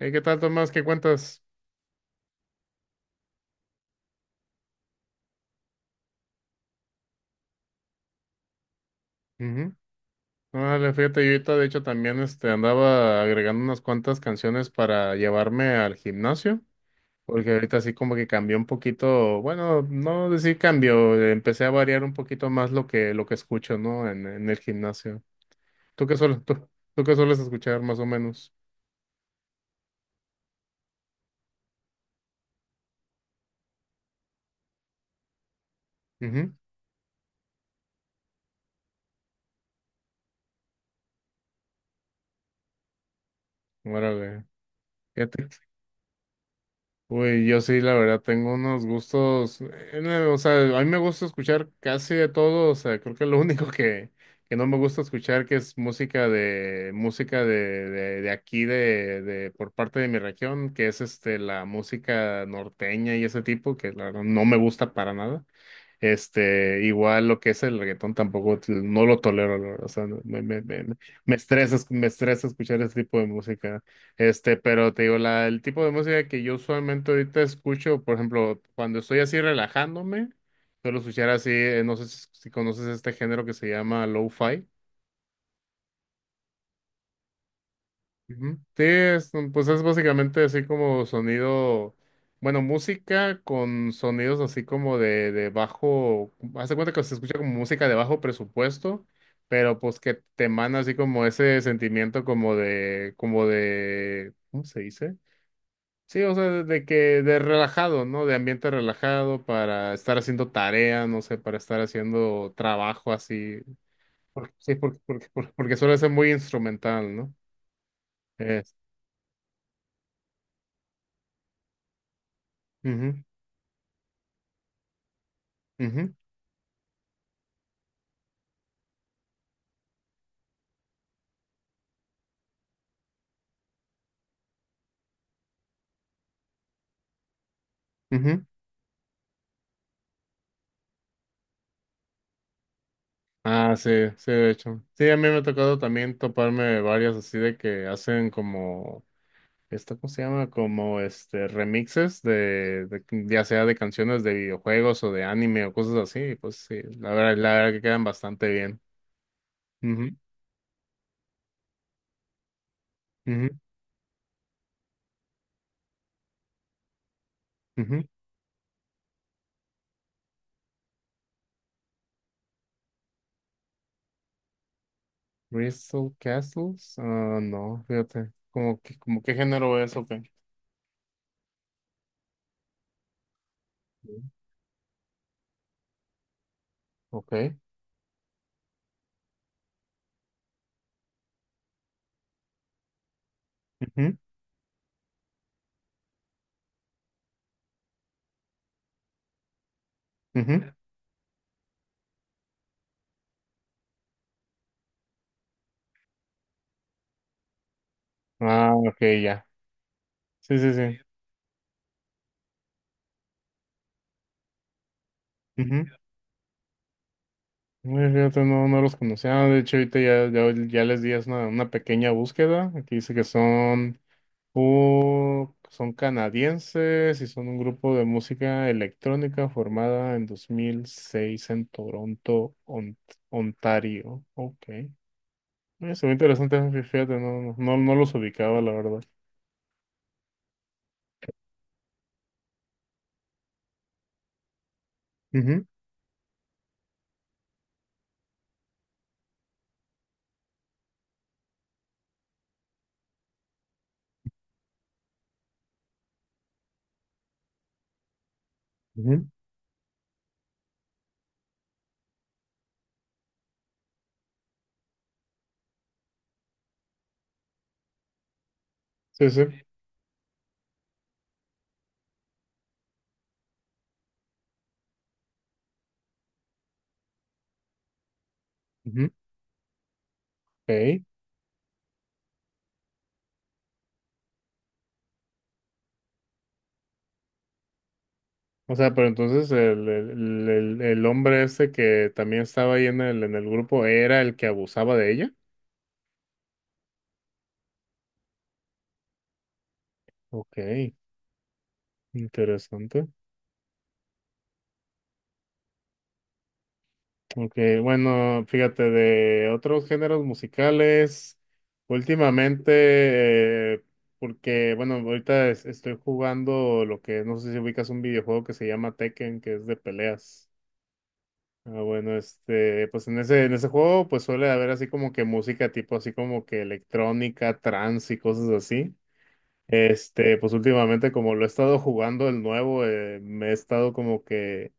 Hey, ¿qué tal, Tomás? ¿Qué cuentas? Ujú. Órale, fíjate, yo ahorita de hecho también andaba agregando unas cuantas canciones para llevarme al gimnasio, porque ahorita así como que cambió un poquito, bueno, no decir cambio, empecé a variar un poquito más lo que escucho, ¿no? En el gimnasio. ¿Tú qué sueles, tú, tú qué sueles escuchar más o menos? Ujú. Órale. Fíjate. Uy, yo sí, la verdad, tengo unos gustos, no, o sea, a mí me gusta escuchar casi de todo, o sea, creo que lo único que no me gusta escuchar que es música de aquí, por parte de mi región, que es la música norteña y ese tipo, que la verdad no me gusta para nada. Igual lo que es el reggaetón tampoco, no lo tolero, la verdad, o sea, no, me estresa, me estresa escuchar ese tipo de música. Pero te digo, el tipo de música que yo usualmente ahorita escucho, por ejemplo, cuando estoy así relajándome, suelo escuchar así, no sé si conoces este género que se llama lo-fi. Ujú. Sí, pues es básicamente así como sonido, bueno, música con sonidos así como de bajo, hace cuenta que se escucha como música de bajo presupuesto, pero pues que te emana así como ese sentimiento ¿cómo se dice? Sí, o sea, de que de relajado, ¿no? De ambiente relajado para estar haciendo tarea, no sé, para estar haciendo trabajo así. Porque, sí, porque suele ser muy instrumental, ¿no? Es. Ujú, ujú, ujú. Ah, sí, sí, de hecho. Sí, a mí me ha tocado también toparme varias así de que hacen como, ¿esto cómo se llama? Como este remixes ya sea de canciones de videojuegos o de anime o cosas así. Y pues sí, la verdad que quedan bastante bien. Ujú, ujú. Ujú. Crystal Castles. Ah, no, fíjate. ¿Como que, como qué género es? Ok. Ok. Ujú, ujú. Ah, ok, ya. Sí, sí, sí. Ujú. Ay, fíjate, no, no los conocía. De hecho, ahorita ya les di una pequeña búsqueda. Aquí dice que son, son canadienses y son un grupo de música electrónica formada en 2006 en Toronto, Ontario. Ok. Es muy interesante, fíjate, no los ubicaba, la verdad. Ujú, ujú, sí, sí. Ujú, ok. O sea, pero entonces el hombre ese que también estaba ahí en el grupo era el que abusaba de ella. Ok, interesante. Ok, bueno, fíjate, de otros géneros musicales, últimamente, porque, bueno, ahorita estoy jugando lo que, no sé si ubicas un videojuego que se llama Tekken, que es de peleas. Ah, bueno, pues en en ese juego, pues suele haber así como que música tipo así como que electrónica, trance y cosas así. Pues últimamente como lo he estado jugando el nuevo, me he estado como que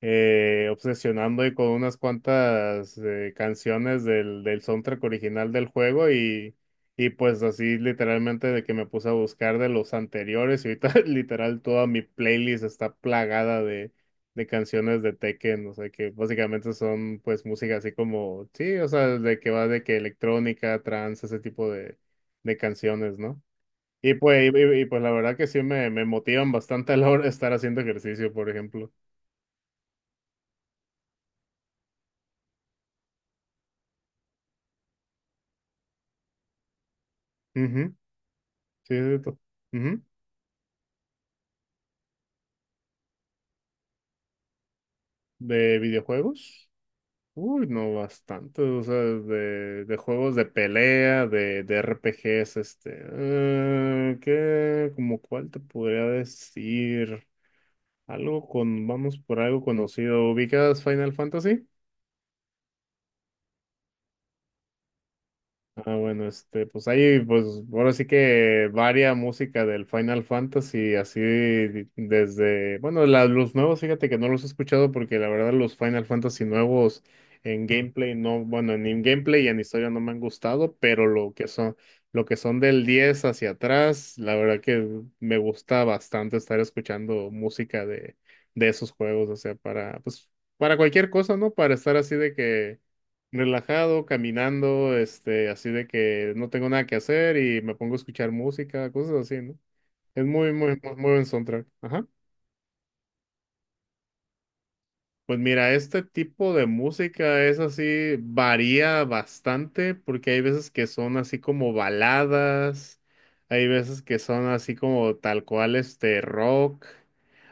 obsesionando y con unas cuantas canciones del soundtrack original del juego y pues así literalmente de que me puse a buscar de los anteriores y ahorita literal toda mi playlist está plagada de canciones de Tekken, o sea que básicamente son pues música así como, sí, o sea, de que va de que electrónica, trance, ese tipo de canciones, ¿no? Y pues, pues la verdad que sí me motivan bastante a la hora de estar haciendo ejercicio, por ejemplo. Ujú, sí, ujú. ¿De videojuegos? Uy, no, bastante. O sea, de juegos de pelea, de RPGs, este. Eh, ¿qué? ¿Como cuál te podría decir? Algo con, vamos por algo conocido. ¿Ubicas Final Fantasy? Ah, bueno, este, pues ahí, pues, ahora sí que varia música del Final Fantasy, así desde, bueno, los nuevos, fíjate que no los he escuchado porque la verdad los Final Fantasy nuevos en gameplay no, bueno, ni en gameplay y en historia no me han gustado, pero lo que son del 10 hacia atrás, la verdad que me gusta bastante estar escuchando música de esos juegos, o sea, para, pues, para cualquier cosa, ¿no? Para estar así de que relajado, caminando, este, así de que no tengo nada que hacer y me pongo a escuchar música, cosas así, ¿no? Es muy, muy, muy buen soundtrack. Ajá. Pues mira, este tipo de música es así, varía bastante porque hay veces que son así como baladas, hay veces que son así como tal cual este rock,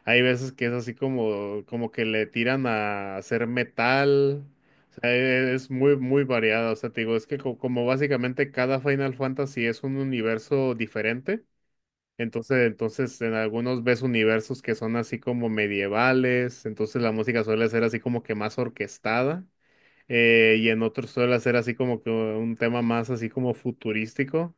hay veces que es así como, como que le tiran a hacer metal, o sea, es muy, muy variado, o sea, te digo, es que como básicamente cada Final Fantasy es un universo diferente. Entonces en algunos ves universos que son así como medievales, entonces la música suele ser así como que más orquestada, y en otros suele ser así como que un tema más así como futurístico,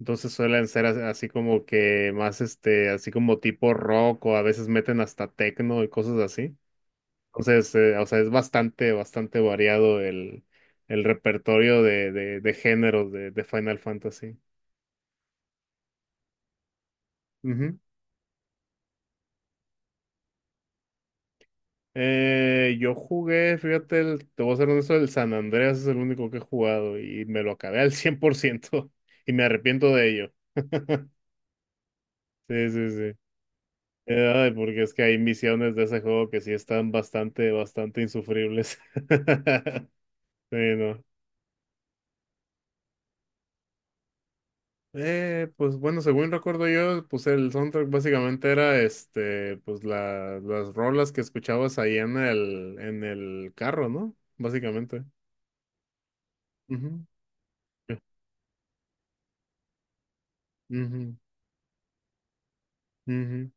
entonces suelen ser así como que más este, así como tipo rock o a veces meten hasta techno y cosas así. Entonces, o sea, es bastante, bastante variado el repertorio de géneros de Final Fantasy. Yo jugué, fíjate, el, te voy a ser honesto, el San Andreas es el único que he jugado y me lo acabé al 100% y me arrepiento de ello. Sí, sí, sí. Ay, porque es que hay misiones de ese juego que sí están bastante, bastante insufribles. Sí, no. Pues bueno, según recuerdo yo, pues el soundtrack básicamente era este, pues las rolas que escuchabas ahí en el carro, ¿no? Básicamente. Ujú. Ujú, ujú.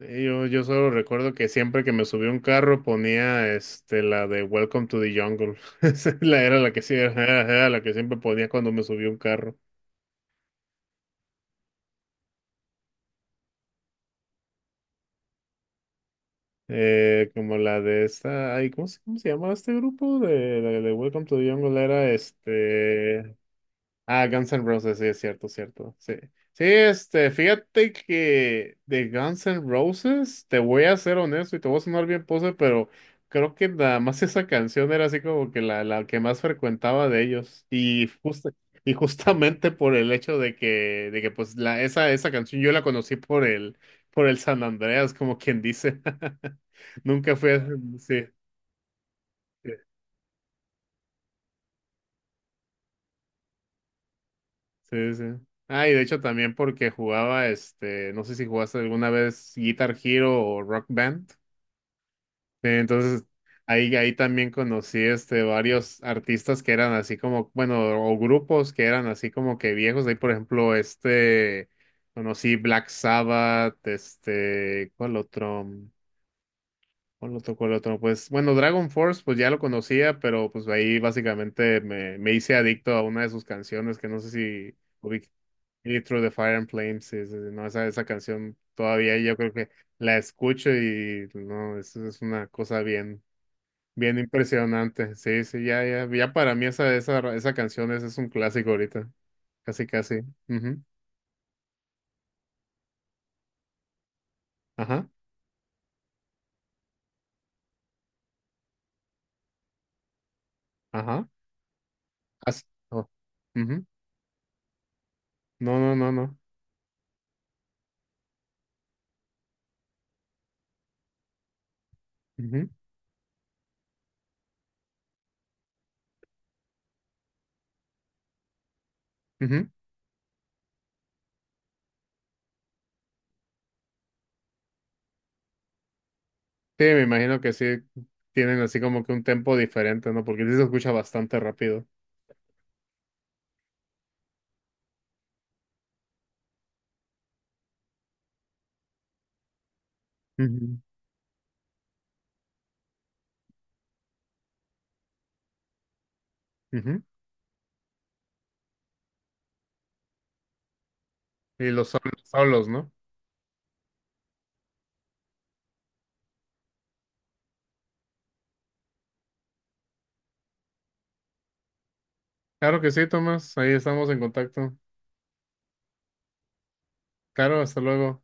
Yo solo recuerdo que siempre que me subí a un carro ponía este la de Welcome to the Jungle. Era la que sí, era la que siempre ponía cuando me subí a un carro. Como la de esta, ay, ¿cómo se llamaba este grupo? De, la de Welcome to the Jungle era este. Ah, Guns N' Roses, sí, es cierto, cierto. Sí. Sí, este, fíjate que de Guns N' Roses, te voy a ser honesto y te voy a sonar bien pose, pero creo que nada más esa canción era así como que la que más frecuentaba de ellos. Y justamente por el hecho de de que pues la, esa canción yo la conocí por por el San Andreas, como quien dice. Nunca fui, a- sí. Sí. Sí, sí. Ah, y de hecho también porque jugaba, este, no sé si jugaste alguna vez Guitar Hero o Rock Band. Sí, entonces, ahí también conocí, este, varios artistas que eran así como, bueno, o grupos que eran así como que viejos. Ahí, por ejemplo, este, conocí Black Sabbath, este, ¿cuál otro? ¿Cuál otro? Pues bueno, Dragon Force, pues ya lo conocía, pero pues ahí básicamente me hice adicto a una de sus canciones que no sé si Eat Through the Fire and Flames, sí, sí, sí, no, esa canción todavía yo creo que la escucho y no, es una cosa bien, bien impresionante. Sí, sí, ya para mí esa canción es un clásico ahorita, casi. Ujú. Ajá, ajá. As- oh, ujú. No, no, no, no. Ujú, ujú. Sí, me imagino que sí tienen así como que un tempo diferente, ¿no? Porque sí se escucha bastante rápido. Ujú. Ujú. Y los solos, ¿no? Claro que sí, Tomás. Ahí estamos en contacto. Claro, hasta luego.